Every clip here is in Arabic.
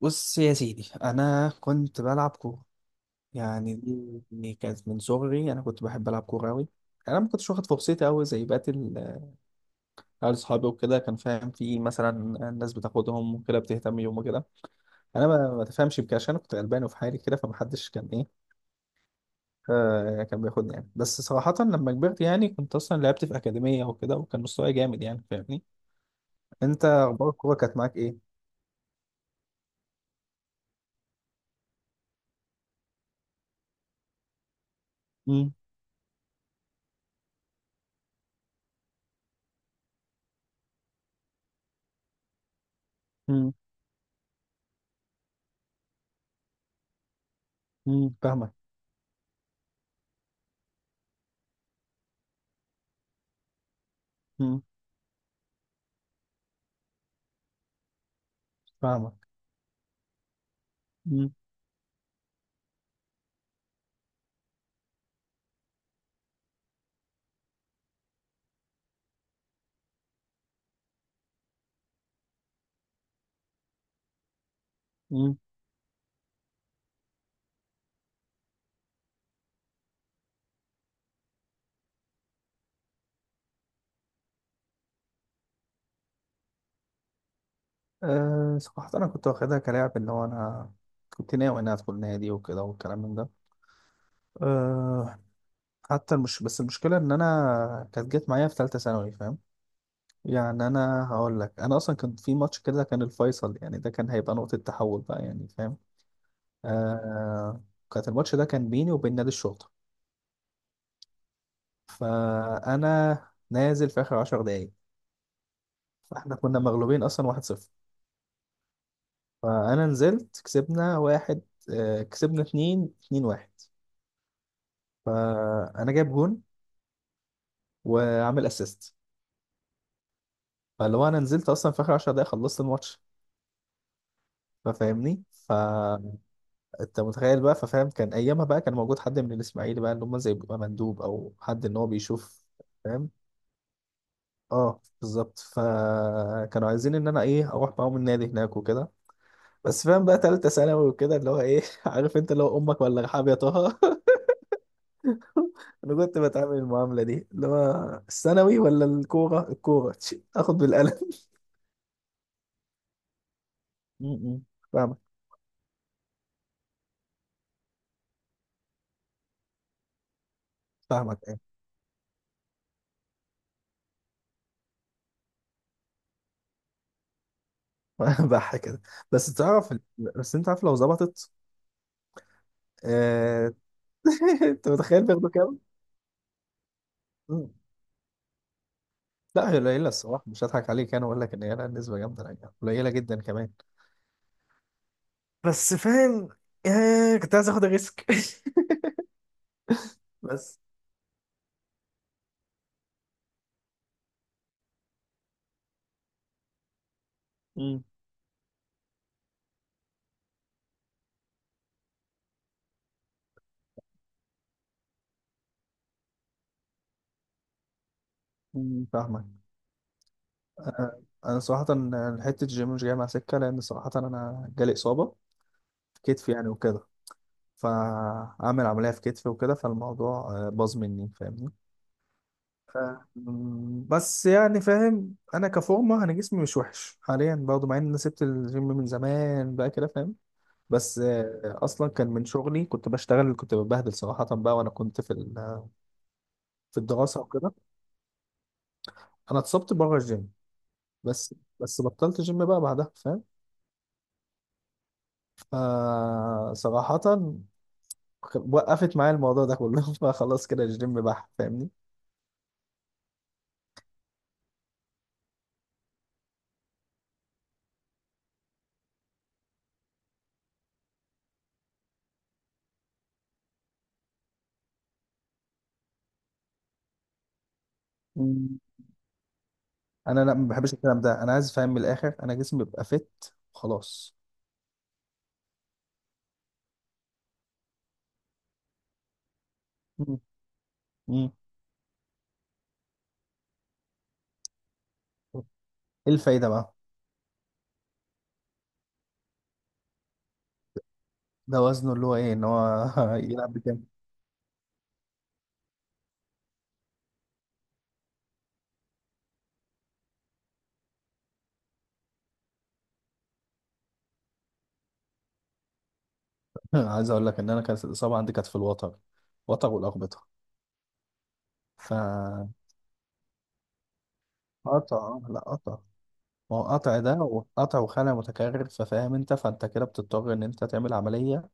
بص يا سيدي، انا كنت بلعب كوره. يعني دي كانت من صغري. انا كنت بحب العب كوره قوي. انا ما كنتش واخد فرصتي قوي زي بقيه عيال اصحابي وكده. كان فاهم؟ في مثلا الناس بتاخدهم وكده، بتهتم بيهم وكده. انا ما تفهمش بكده عشان أنا كنت غلبان وفي حالي كده، فمحدش كان ايه، كان بياخدني يعني. بس صراحه لما كبرت، يعني كنت اصلا لعبت في اكاديميه وكده، وكان مستواي جامد يعني. فاهمني؟ انت اخبار الكوره كانت معاك ايه؟ امم. امم. امم، فاهمك. امم، فاهمك. امم. أه صراحة أنا كنت واخدها كلاعب، اللي هو أنا كنت ناوي إن أنا أدخل نادي وكده والكلام من ده. أه، حتى مش بس، المشكلة إن أنا كانت جت معايا في تالتة ثانوي. فاهم يعني؟ أنا هقول لك، أنا أصلا كان في ماتش كده كان الفيصل يعني، ده كان هيبقى نقطة تحول بقى يعني. فاهم؟ أه، كانت الماتش ده كان بيني وبين نادي الشرطة. فأنا نازل في آخر عشر دقايق. فإحنا كنا مغلوبين أصلا واحد صفر. فأنا نزلت كسبنا واحد، أه كسبنا اتنين، اتنين واحد. فانا جايب جون وعامل اسيست. فاللي هو انا نزلت اصلا في اخر 10 دقايق، خلصت الماتش. ففاهمني؟ فانت متخيل بقى. ففاهم، كان ايامها بقى كان موجود حد من الاسماعيلي بقى، اللي هم زي بيبقى مندوب او حد ان هو بيشوف. فاهم؟ اه بالظبط. فكانوا عايزين ان انا ايه، اروح معاهم النادي هناك وكده. بس فاهم بقى، تالتة ثانوي وكده اللي هو ايه. عارف انت اللي هو امك ولا رحاب يا طه. انا كنت بتعامل المعاملة دي، اللي هو الثانوي ولا الكورة؟ الكورة اخد بالقلم. م- م. فاهمك. فاهمك. ايه بح كده. بس تعرف، بس انت عارف لو ظبطت. آه... انت متخيل بياخدوا كام؟ مم. لا هي قليله الصراحه، مش هضحك عليك. انا اقول لك ان هي لا نسبه جامده لا، يعني قليله جدا كمان. بس فاهم. آه... كنت عايز اخد الريسك. بس. مم. مم، فاهمك. انا صراحه حته الجيم مش جايه مع سكه، لان صراحه انا جالي اصابه في كتفي يعني وكده. فاعمل عمليه في كتفي وكده، فالموضوع باظ مني. فاهمني؟ ف... مم، بس يعني فاهم، انا كفورمه انا جسمي مش وحش حاليا، برضه مع ان انا سبت الجيم من زمان بقى كده. فاهم؟ بس اصلا كان من شغلي. كنت بشتغل، كنت ببهدل صراحه بقى. وانا كنت في في الدراسه وكده. انا اتصبت بره الجيم. بس بطلت جيم بقى بعدها. فاهم؟ آه صراحه، وقفت معايا الموضوع ده كله. فخلاص كده الجيم بح. فاهمني؟ مم. انا لا، ما بحبش الكلام ده. انا عايز فاهم من الاخر، انا جسمي بيبقى فت وخلاص. مم. مم. ايه الفايده بقى؟ ده وزنه اللي هو ايه، ان هو يلعب بكام. عايز اقول لك ان انا كانت الاصابه عندي كانت في الوتر، وتر والاقبطه. فقطع. لا قطع. ما هو قطع، ده وقطع وخلع متكرر. ففاهم انت، فانت كده بتضطر ان انت تعمل عمليه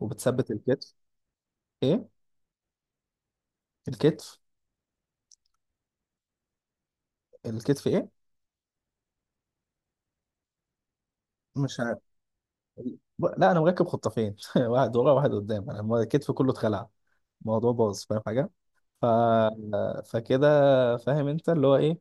وبتثبت الكتف. ايه؟ الكتف. الكتف. ايه مش عارف. لا انا مركب خطافين واحد ورا واحد قدام. انا الكتف كله اتخلع. الموضوع باظ. فاهم حاجه؟ ف... فكده. فاهم انت اللي هو ايه.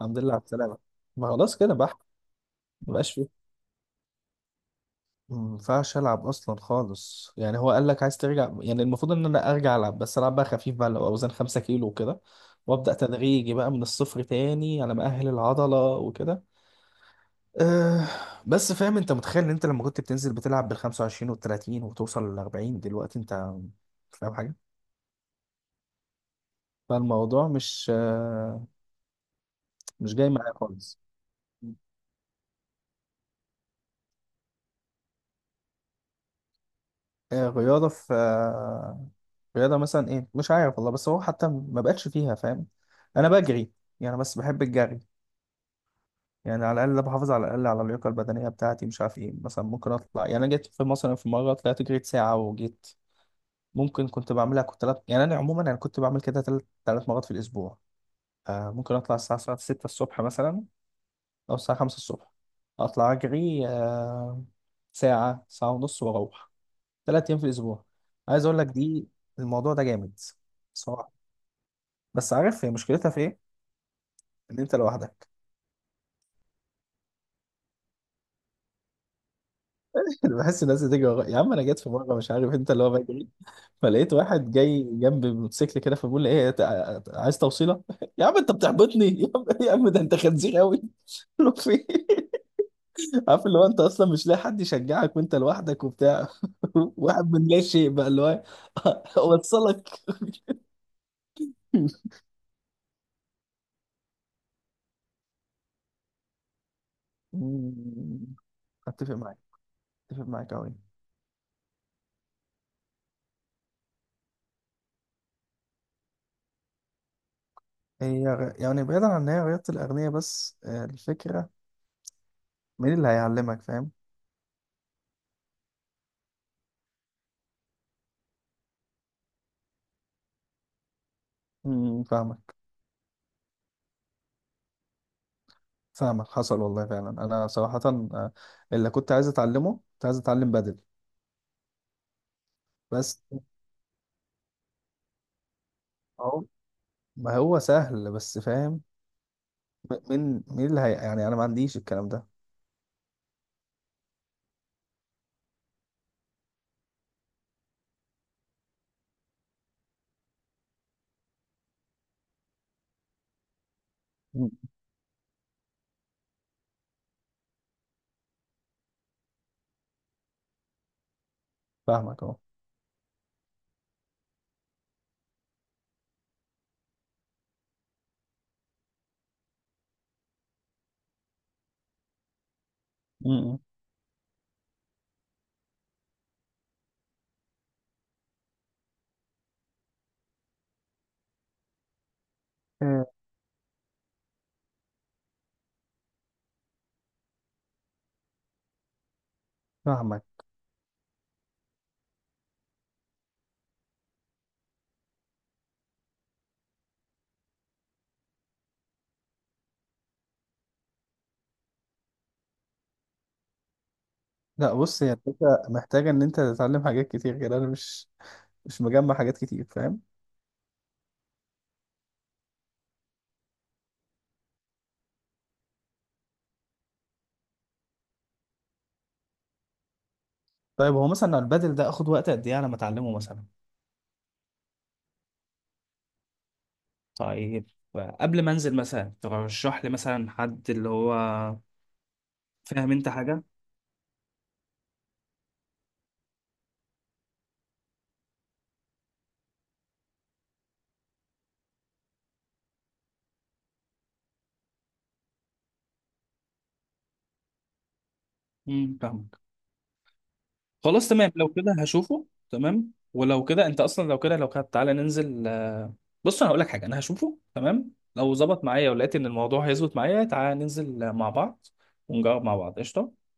الحمد لله على السلامة. ما خلاص كده بح. ما بقاش فيه، ما ينفعش العب اصلا خالص يعني. هو قال لك عايز ترجع يعني، المفروض ان انا ارجع العب، بس العب بقى خفيف بقى لو اوزان 5 كيلو وكده، وابدا تدريجي بقى من الصفر تاني على ما اهل العضله وكده. أه. بس فاهم، انت متخيل ان انت لما كنت بتنزل بتلعب بال 25 وال 30 وتوصل لل 40، دلوقتي انت فاهم حاجه. فالموضوع مش مش جاي معايا خالص. رياضة، في رياضة مثلا ايه، مش عارف والله. بس هو حتى ما بقتش فيها. فاهم؟ انا بجري يعني، بس بحب الجري يعني. على الاقل بحافظ على الاقل على اللياقة البدنية بتاعتي. مش عارف ايه مثلا، ممكن اطلع. يعني انا جيت في مثلا في مرة طلعت جريت ساعة وجيت. ممكن كنت بعملها، كنت تلات، يعني انا عموما انا كنت بعمل كده تلات مرات في الاسبوع. آه ممكن اطلع الساعة 6 الصبح مثلا، او الساعة 5 الصبح. اطلع اجري آه ساعة ساعة ونص واروح، ثلاث ايام في الاسبوع. عايز اقول لك دي، الموضوع ده جامد صراحه. بس عارف هي مشكلتها في ايه؟ ان انت لوحدك. أنا بحس الناس بتجري ورايا يا عم. انا جيت في مره، مش عارف انت، اللي هو بجري، فلقيت واحد جاي جنب موتوسيكل كده، فبقول له ايه، عايز توصيله. يا عم انت بتحبطني. يا عم، يا عم ده انت خنزير قوي. قلت له في إيه؟ عارف اللي هو انت اصلا مش لاقي حد يشجعك وانت لوحدك وبتاع. واحد من لا شيء بقى، اللي هو اوصلك. أمم، اتفق معاك. اتفق معاك قوي. هي يعني بعيدا عن ان هي رياضة الأغنياء، بس الفكرة مين اللي هيعلمك. فاهم؟ مم، فاهمك. فاهمك حصل والله فعلا. أنا صراحة آه، اللي كنت عايز أتعلمه كنت عايز أتعلم بدل. بس أهو، ما هو سهل. بس فاهم، مين اللي هي يعني، أنا ما عنديش الكلام ده. مم. فاهمك أهو. مم. آه، فاهمك. لا بص، هي الفكرة محتاجة إن أنت تتعلم حاجات كتير كده. أنا مش مش مجمع حاجات كتير. فاهم؟ طيب هو مثلا البدل ده آخد وقت قد إيه على ما أتعلمه مثلا؟ طيب، قبل ما انزل مثلا ترشح لي مثلا حد اللي هو، فاهم انت حاجه. امم، فاهمك. خلاص تمام. لو كده هشوفه تمام. ولو كده انت اصلا، لو كده، تعالى ننزل بص انا هقول لك حاجه، انا هشوفه تمام، لو ظبط معايا ولقيت ان الموضوع هيظبط معايا، تعالى ننزل مع بعض، ونجرب مع بعض. قشطه.